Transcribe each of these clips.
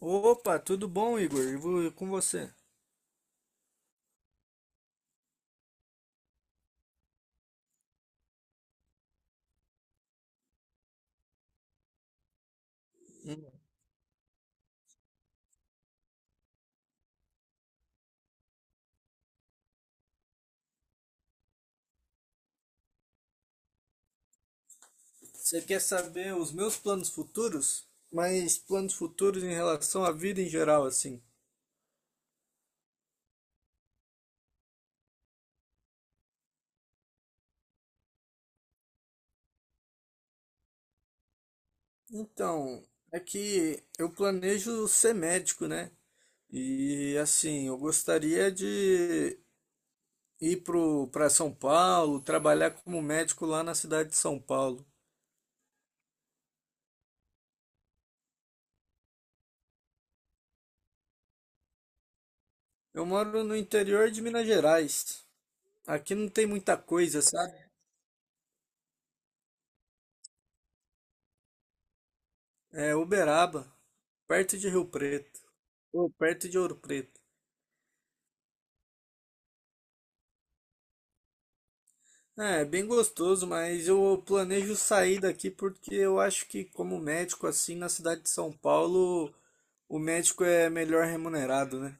Opa, tudo bom, Igor? E com você? Hum. Você quer saber os meus planos futuros? Mas planos futuros em relação à vida em geral, assim. Então, é que eu planejo ser médico, né? E assim, eu gostaria de ir para São Paulo, trabalhar como médico lá na cidade de São Paulo. Eu moro no interior de Minas Gerais. Aqui não tem muita coisa, sabe? É Uberaba, perto de Rio Preto, ou perto de Ouro Preto. É, é bem gostoso, mas eu planejo sair daqui porque eu acho que como médico assim na cidade de São Paulo, o médico é melhor remunerado, né?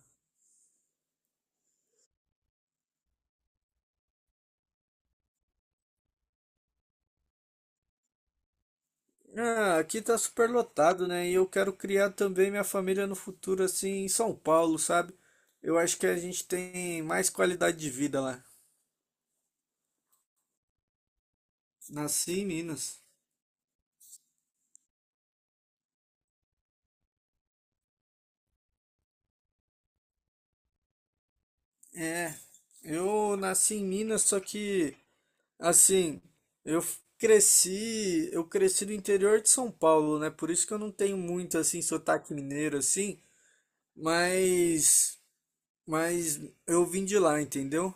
Ah, aqui tá super lotado, né? E eu quero criar também minha família no futuro assim em São Paulo, sabe? Eu acho que a gente tem mais qualidade de vida lá. Nasci em Minas. É, eu nasci em Minas, só que assim, eu cresci no interior de São Paulo, né? Por isso que eu não tenho muito assim sotaque mineiro assim, mas mas eu vim de lá, entendeu?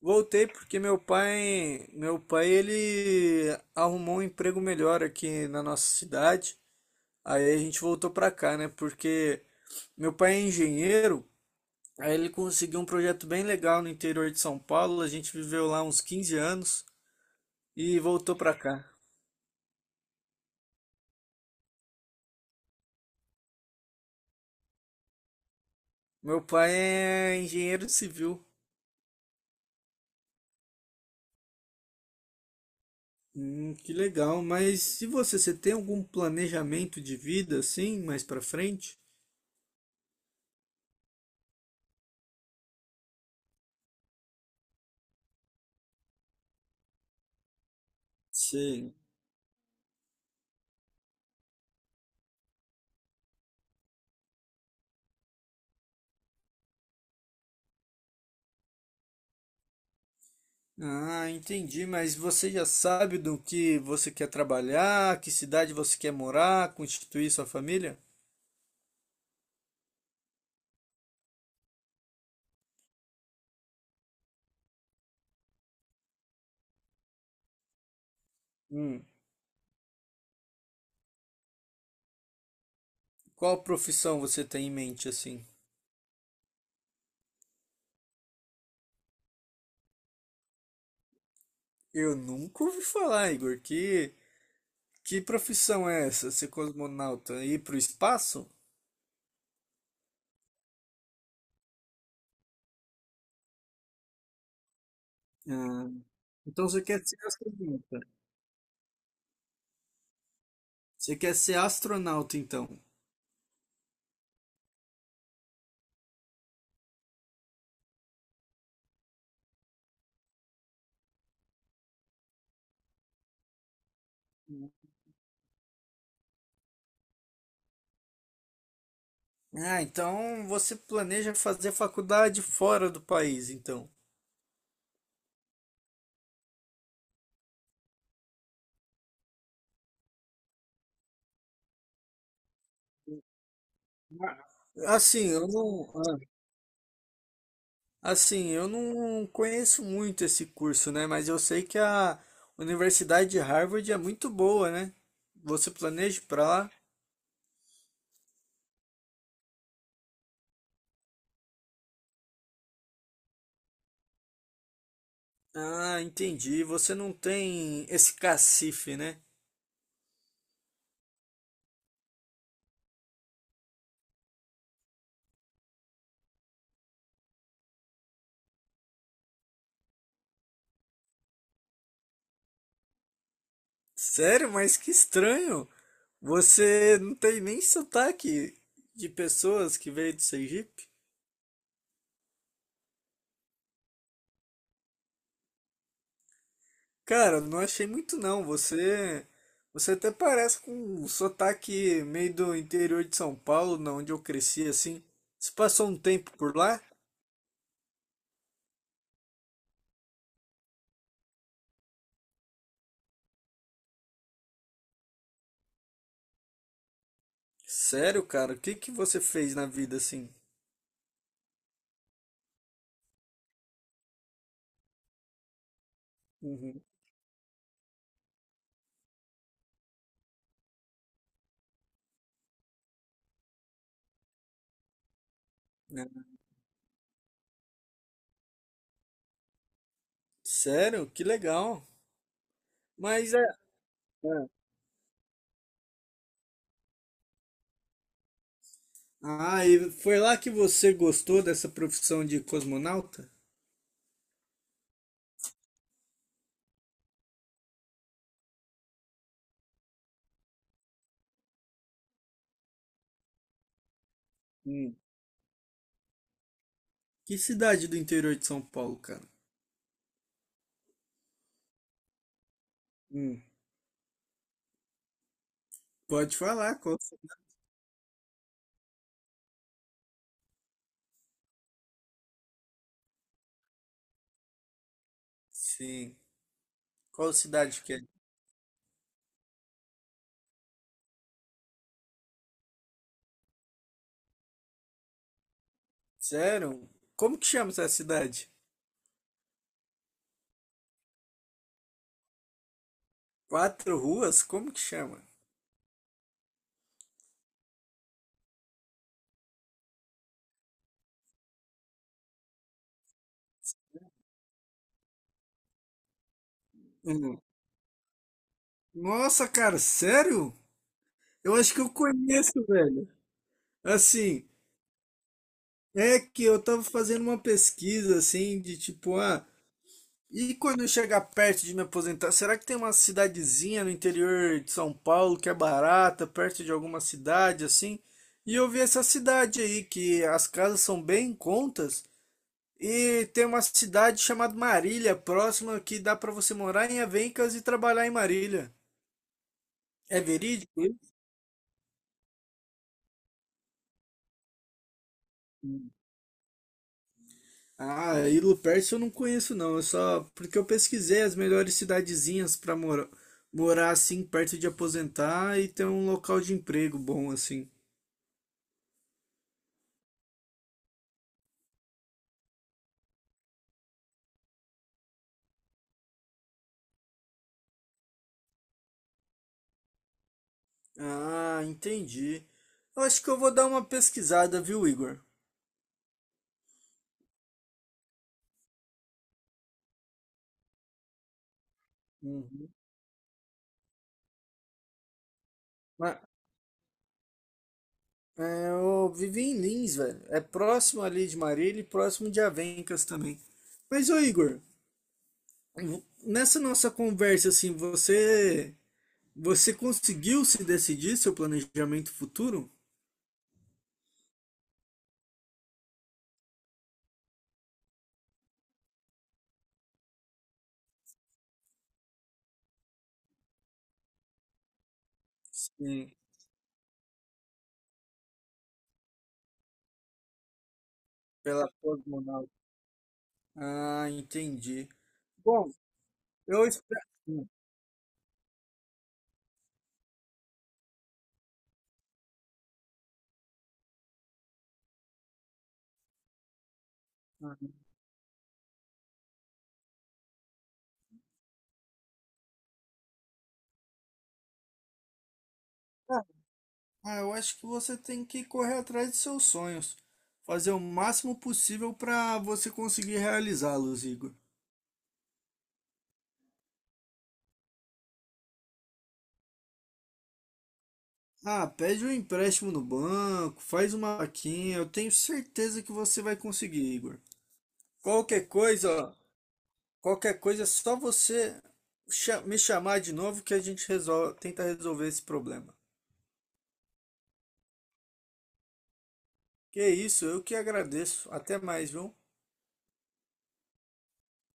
Voltei porque meu pai ele arrumou um emprego melhor aqui na nossa cidade. Aí a gente voltou pra cá, né? Porque meu pai é engenheiro, aí ele conseguiu um projeto bem legal no interior de São Paulo, a gente viveu lá uns 15 anos e voltou pra cá. Meu pai é engenheiro civil. Que legal. Mas se você tem algum planejamento de vida assim, mais pra frente? Sim. Ah, entendi. Mas você já sabe do que você quer trabalhar, que cidade você quer morar, constituir sua família? Hum. Qual profissão você tem em mente assim? Eu nunca ouvi falar, Igor. Que profissão é essa? Ser cosmonauta? Ir pro espaço? Ah, então você quer ser astronauta? Você quer ser astronauta, então? Ah, então você planeja fazer faculdade fora do país, então. Ah, assim, eu não conheço muito esse curso, né? Mas eu sei que a Universidade de Harvard é muito boa, né? Você planeja ir pra lá? Ah, entendi. Você não tem esse cacife, né? Sério? Mas que estranho. Você não tem nem sotaque de pessoas que veio do Sergipe? Cara, não achei muito não. Você até parece com um sotaque meio do interior de São Paulo, na onde eu cresci assim. Você passou um tempo por lá? Sério, cara, o que que você fez na vida assim? Uhum. Né? Sério? Que legal. Mas é. É. Ah, e foi lá que você gostou dessa profissão de cosmonauta? Hum. Que cidade do interior de São Paulo, cara? Hum. Pode falar, qual? Sim. Qual cidade que é? Sério? Como que chama essa cidade? Quatro ruas? Como que chama? Uhum. Nossa, cara, sério? Eu acho que eu conheço, velho. Assim, é que eu tava fazendo uma pesquisa assim de tipo, e quando eu chegar perto de me aposentar, será que tem uma cidadezinha no interior de São Paulo que é barata, perto de alguma cidade assim? E eu vi essa cidade aí que as casas são bem em contas. E tem uma cidade chamada Marília, próxima, que dá para você morar em Avencas e trabalhar em Marília. É verídico isso? Ah, e Lupercio eu não conheço não, é só porque eu pesquisei as melhores cidadezinhas para morar, assim perto de aposentar e ter um local de emprego bom assim. Ah, entendi. Eu acho que eu vou dar uma pesquisada, viu, Igor? Uhum. Mas, eu vivi em Lins, velho. É próximo ali de Marília e próximo de Avencas também. Mas, ô Igor, nessa nossa conversa, assim, você conseguiu se decidir seu planejamento futuro? Sim, pela pós-monal. Ah, entendi. Bom, eu espero. Ah, eu acho que você tem que correr atrás dos seus sonhos, fazer o máximo possível para você conseguir realizá-los, Igor. Ah, pede um empréstimo no banco, faz uma vaquinha, eu tenho certeza que você vai conseguir, Igor. Qualquer coisa, ó, Qualquer coisa é só você me chamar de novo que a gente resolve, tenta resolver esse problema. Que é isso, eu que agradeço. Até mais, viu?